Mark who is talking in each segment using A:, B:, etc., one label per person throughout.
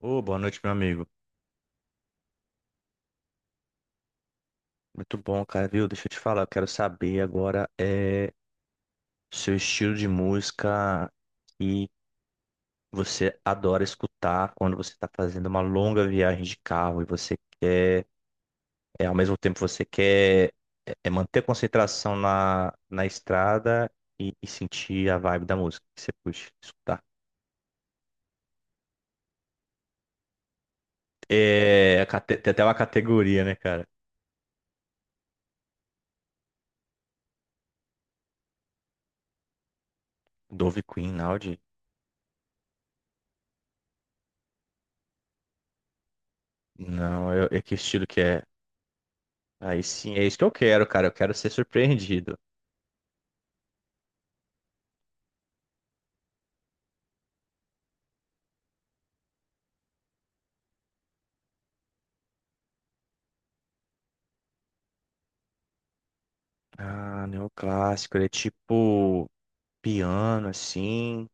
A: Ô, boa noite, meu amigo. Muito bom, cara, viu? Deixa eu te falar, eu quero saber agora é seu estilo de música que você adora escutar quando você está fazendo uma longa viagem de carro e você quer, ao mesmo tempo você quer manter a concentração na estrada e sentir a vibe da música que você puxa, escutar. É, tem até uma categoria, né, cara? Dove Queen, Audi? Não, é que estilo que é? Aí sim, é isso que eu quero, cara. Eu quero ser surpreendido. Ah, neoclássico, ele é tipo piano, assim.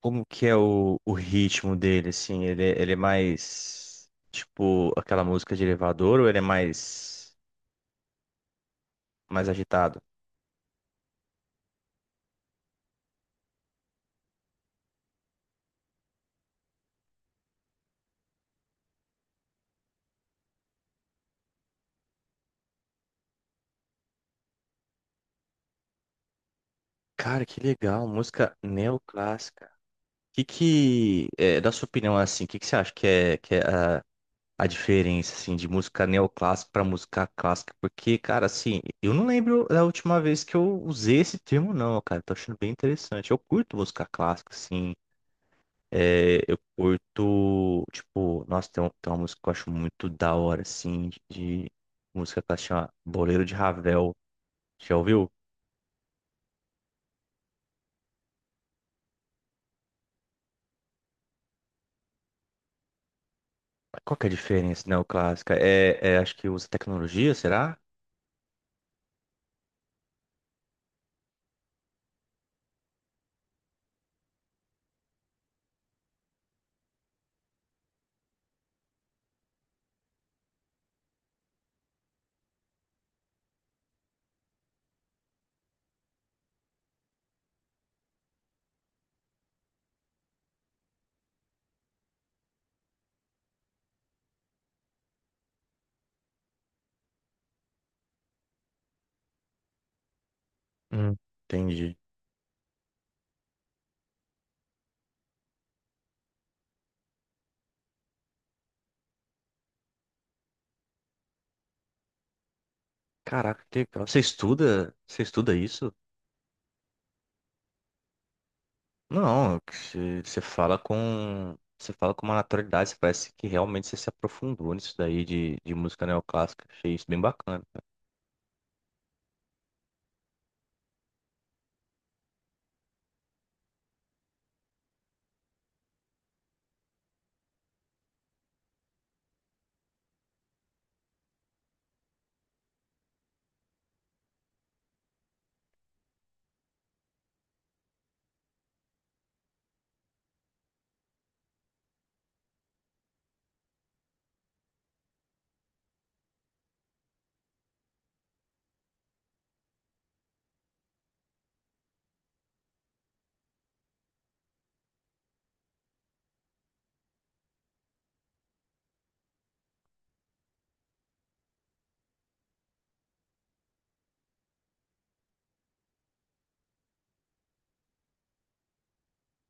A: Como que é o ritmo dele, assim? Ele, ele é mais tipo aquela música de elevador ou ele é mais, mais agitado? Cara, que legal, música neoclássica. Da sua opinião, assim, o que que você acha que é a diferença, assim, de música neoclássica para música clássica, porque, cara, assim, eu não lembro da última vez que eu usei esse termo, não, cara, tô achando bem interessante. Eu curto música clássica, assim, é, eu curto, tipo, nossa, tem uma música que eu acho muito da hora, assim, de música clássica, chama Boleiro de Ravel, já ouviu? Qual que é a diferença neoclássica? Acho que usa tecnologia, será? Hum. Entendi. Caraca, que legal. Você estuda isso? Não, você fala com. Você fala com uma naturalidade, você parece que realmente você se aprofundou nisso daí de música neoclássica. Achei isso bem bacana, cara.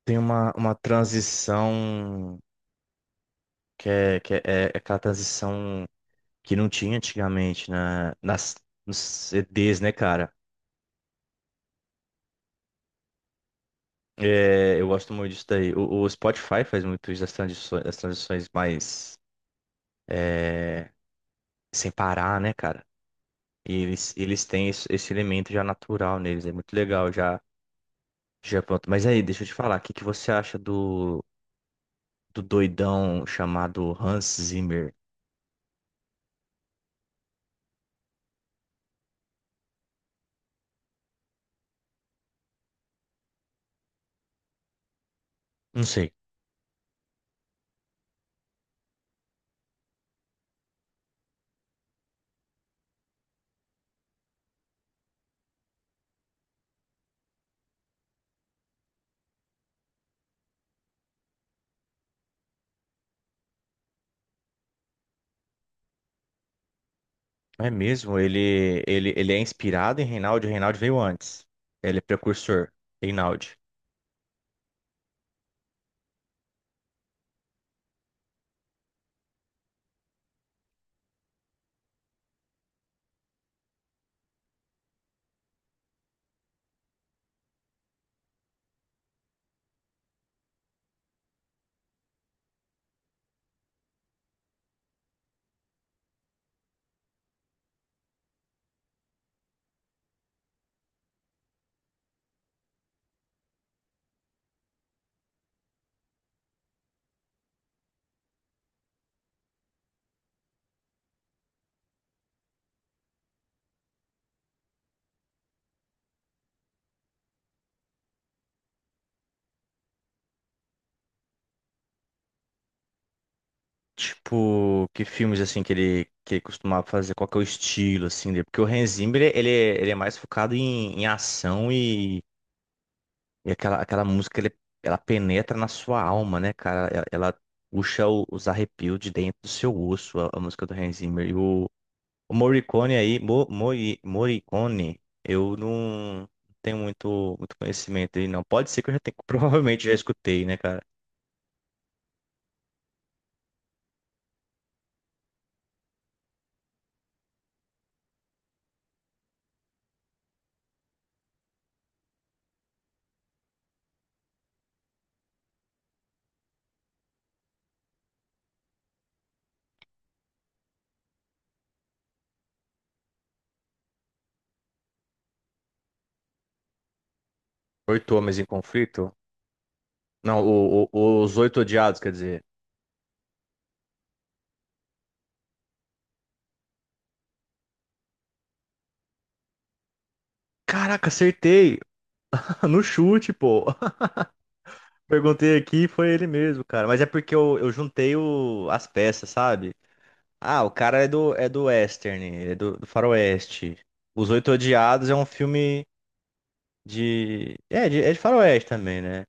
A: Tem uma transição que é, que é, é aquela transição que não tinha antigamente nos CDs, né, cara? É, eu gosto muito disso daí. O Spotify faz muito isso das transições mais é, sem parar, né, cara? E eles têm esse elemento já natural neles, é muito legal já. Já pronto. Mas aí, deixa eu te falar, o que que você acha do doidão chamado Hans Zimmer? Não sei. É mesmo? Ele é inspirado em Reinaldo. Reinaldo veio antes. Ele é precursor. Reinaldo. Tipo, que filmes assim que ele costumava fazer? Qual que é o estilo assim dele? Porque o Hans Zimmer, ele, ele é mais focado em, em ação e aquela, aquela música, ele, ela penetra na sua alma, né, cara? Ela puxa os arrepios de dentro do seu osso, a música do Hans Zimmer. E o O Morricone aí, Morricone, eu não tenho muito, muito conhecimento dele, não. Pode ser que eu já tenha, provavelmente já escutei, né, cara? Oito Homens em Conflito? Não, Os Oito Odiados, quer dizer. Caraca, acertei! No chute, pô! Perguntei aqui, e foi ele mesmo, cara. Mas é porque eu juntei as peças, sabe? Ah, o cara é do Western, ele é do, do Faroeste. Os Oito Odiados é um filme de. É, de, é de Faroeste também, né?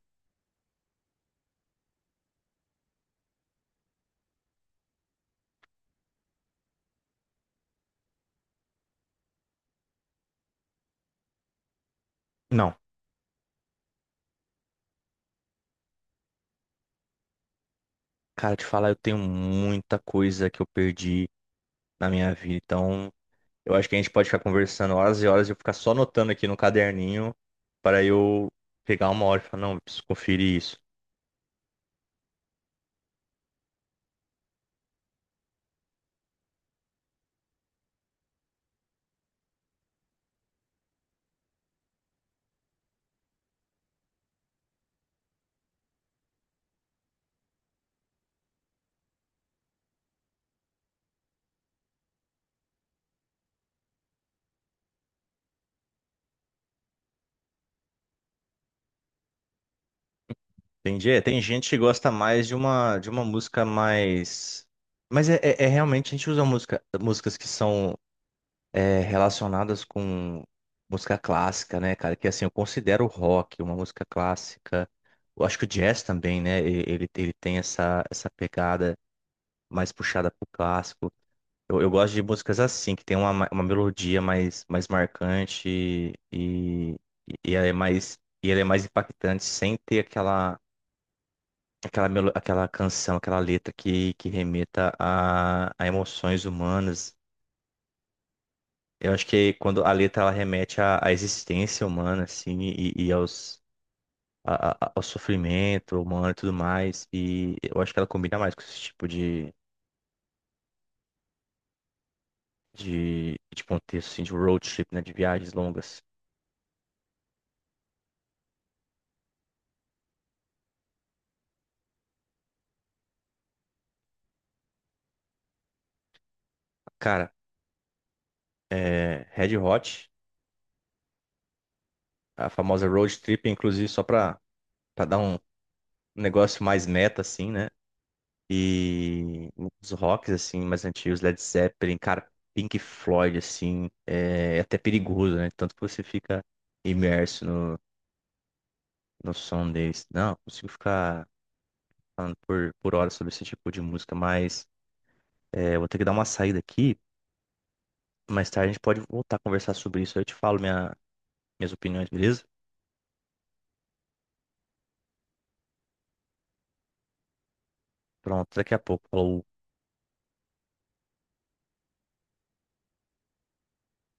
A: Não. Cara, te falar, eu tenho muita coisa que eu perdi na minha vida. Então, eu acho que a gente pode ficar conversando horas e horas e eu ficar só anotando aqui no caderninho para eu pegar uma hora e falar, não, preciso conferir isso. Tem, tem gente que gosta mais de uma música mais. Mas é, é realmente, a gente usa música, músicas que são relacionadas com música clássica, né, cara? Que assim, eu considero o rock uma música clássica. Eu acho que o jazz também, né? Ele, ele tem essa, essa pegada mais puxada pro clássico. Eu gosto de músicas assim, que tem uma, uma melodia mais, mais marcante e ela é mais, e ela é mais impactante sem ter aquela, aquela canção, aquela letra que remeta a emoções humanas. Eu acho que quando a letra ela remete à, à existência humana, assim, e aos, ao sofrimento humano e tudo mais, e eu acho que ela combina mais com esse tipo de contexto, assim, de road trip, né, de viagens longas. Cara, é, Red Hot, a famosa road trip, inclusive só pra, pra dar um negócio mais meta, assim, né? E os rocks, assim, mais antigos, Led Zeppelin, cara, Pink Floyd, assim, é é até perigoso, né? Tanto que você fica imerso no som deles. Não, consigo ficar falando por horas sobre esse tipo de música, mas é, vou ter que dar uma saída aqui. Mais tarde a gente pode voltar a conversar sobre isso. Eu te falo minhas opiniões, beleza? Pronto, daqui a pouco. Falou.